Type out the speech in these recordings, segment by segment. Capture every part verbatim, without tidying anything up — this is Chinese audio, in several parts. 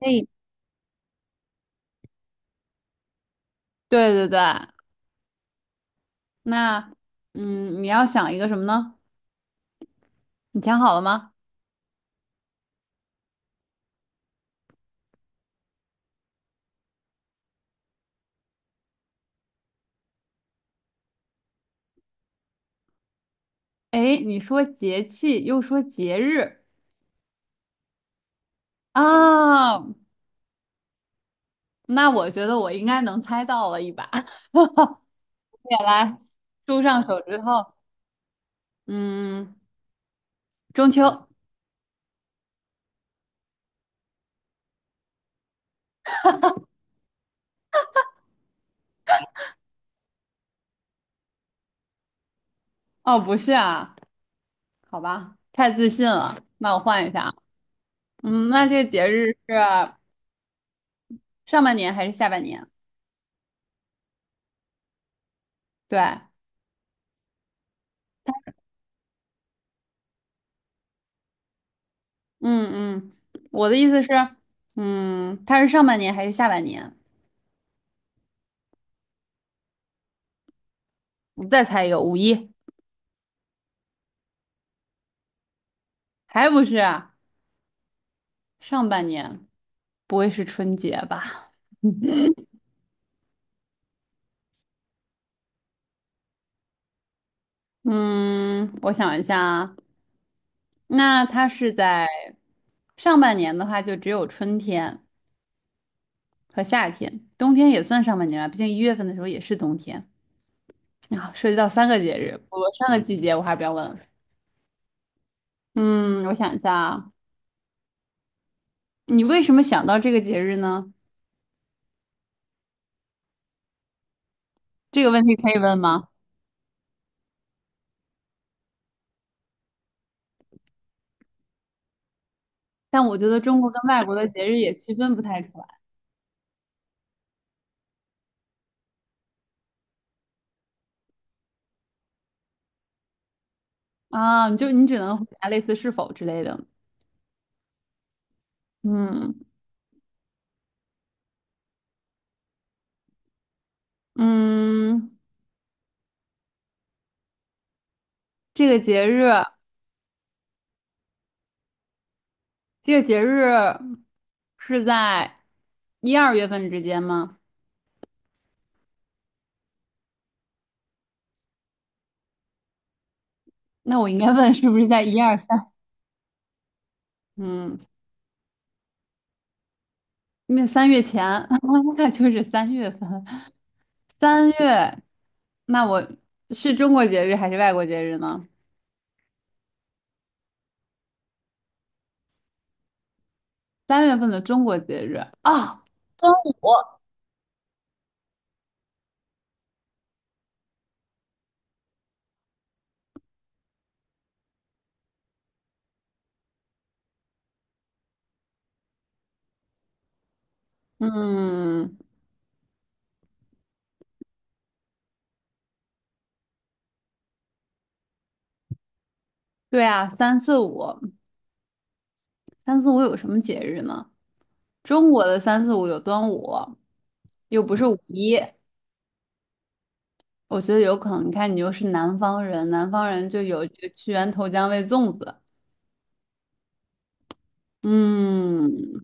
可以。对对对。那嗯，你要想一个什么呢？你想好了吗？哎，你说节气又说节日啊，那我觉得我应该能猜到了一把。也来，猪上手指头。嗯，中秋。哦，不是啊，好吧，太自信了，那我换一下啊。嗯，那这个节日是上半年还是下半年？对。嗯嗯，我的意思是，嗯，它是上半年还是下半年？你再猜一个，五一。还不是啊。上半年。不会是春节吧？嗯，我想一下啊。那它是在上半年的话，就只有春天和夏天，冬天也算上半年吧，毕竟一月份的时候也是冬天啊，涉及到三个节日。我上个季节我还不要问了。嗯，我想一下啊。你为什么想到这个节日呢？这个问题可以问吗？但我觉得中国跟外国的节日也区分不太出来。啊，你就你只能回答类似是否之类的。嗯嗯。这个节日，这个节日是在一二月份之间吗？那我应该问是不是在一二三？嗯，因为三月前，那就是三月份。三月。那我是中国节日还是外国节日呢？三月份的中国节日啊。端午。嗯，对啊，三四五。三四五有什么节日呢？中国的三四五有端午，又不是五一。我觉得有可能。你看，你又是南方人，南方人就有这个屈原投江喂粽子。嗯，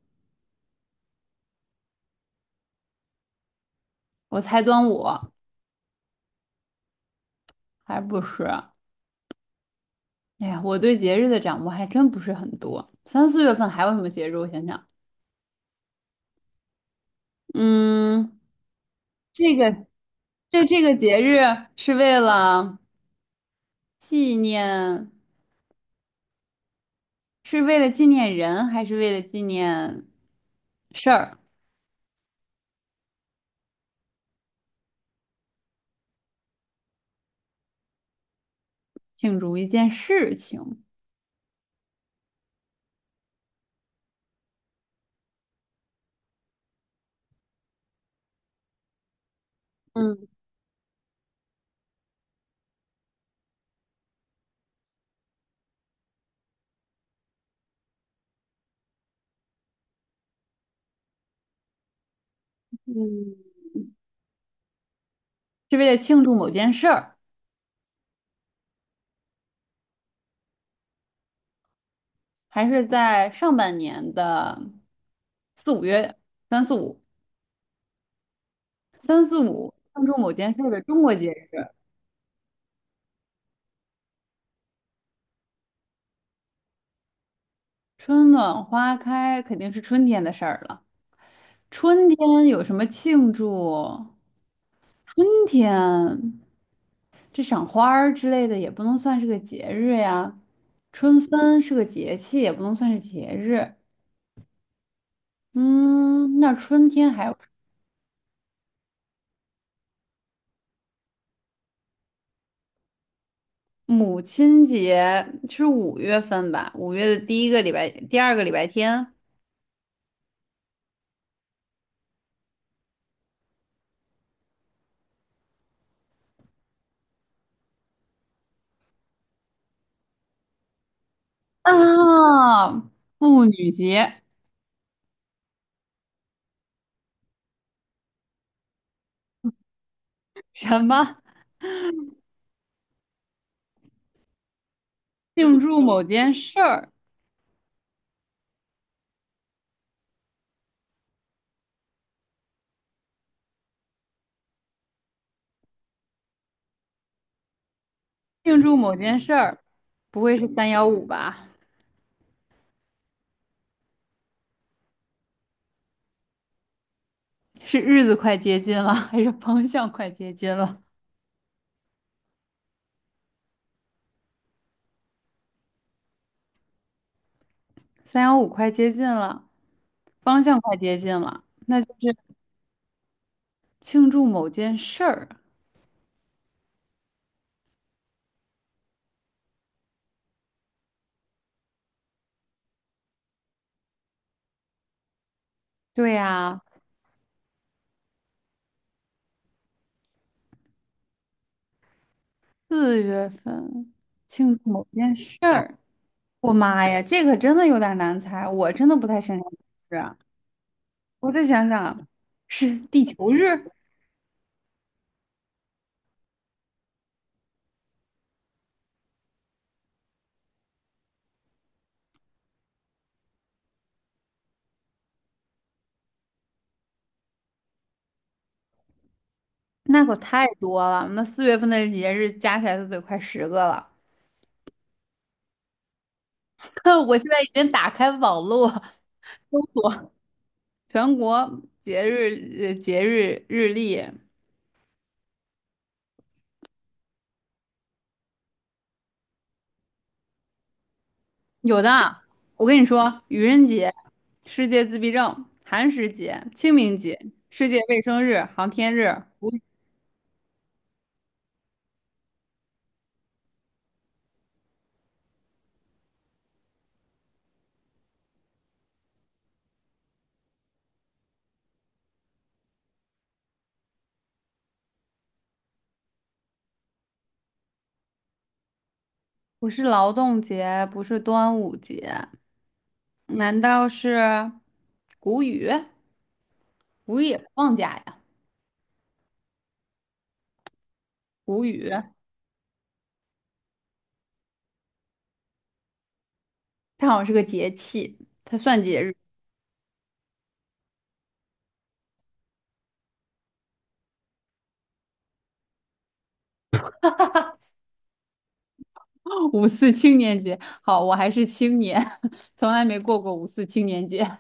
我猜端午。还不是。哎呀，我对节日的掌握还真不是很多。三四月份还有什么节日？我想想。嗯，这个这这个节日是为了纪念，是为了纪念人，还是为了纪念事儿？庆祝一件事情。嗯嗯，是为了庆祝某件事儿。还是在上半年的四五月，三四五，三四五，庆祝某件事儿的中国节日。春暖花开肯定是春天的事儿了。春天有什么庆祝？春天这赏花儿之类的也不能算是个节日呀。春分是个节气，也不能算是节日。嗯，那春天还有母亲节。是五月份吧？五月的第一个礼拜，第二个礼拜天。啊，妇女节。什么？庆祝某件事儿，庆祝某件事儿，不会是三幺五吧？是日子快接近了，还是方向快接近了？三幺五快接近了，方向快接近了，那就是庆祝某件事儿。对呀，四月份庆祝某件事儿。我妈呀，这个真的有点难猜，我真的不太擅长这个事啊。我再想想。是地球日。那可太多了，那四月份的节日加起来都得快十个了。我现在已经打开网络搜索全国节日呃节日日历。有的。我跟你说，愚人节、世界自闭症、寒食节、清明节、世界卫生日、航天日。不不是劳动节，不是端午节，难道是谷雨？谷雨也不放假呀？谷雨它好像是个节气，它算节日。五四青年节，好，我还是青年，从来没过过五四青年节。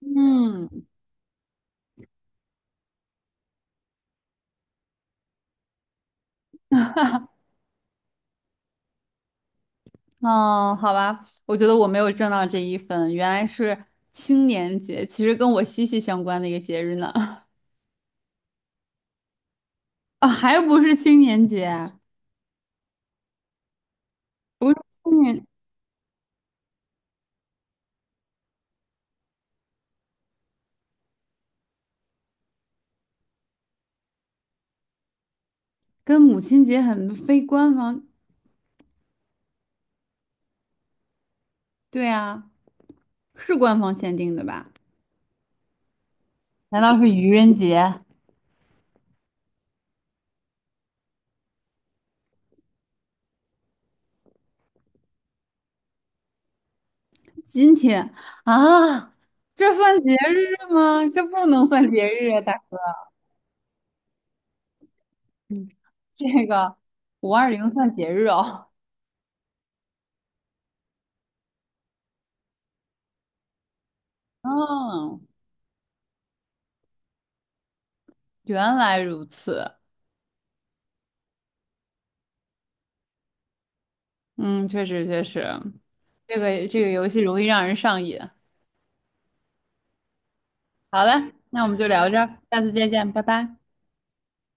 嗯。哦，好吧，我觉得我没有挣到这一分，原来是青年节，其实跟我息息相关的一个节日呢。啊、还不是青年节啊。不是青年，跟母亲节很非官方，对啊，是官方限定的吧？难道是愚人节？今天啊，这算节日吗？这不能算节日啊，大。嗯，这个五二零算节日哦。嗯，原来如此。嗯，确实确实，这个这个游戏容易让人上瘾。好了，那我们就聊这儿，下次再见，拜拜。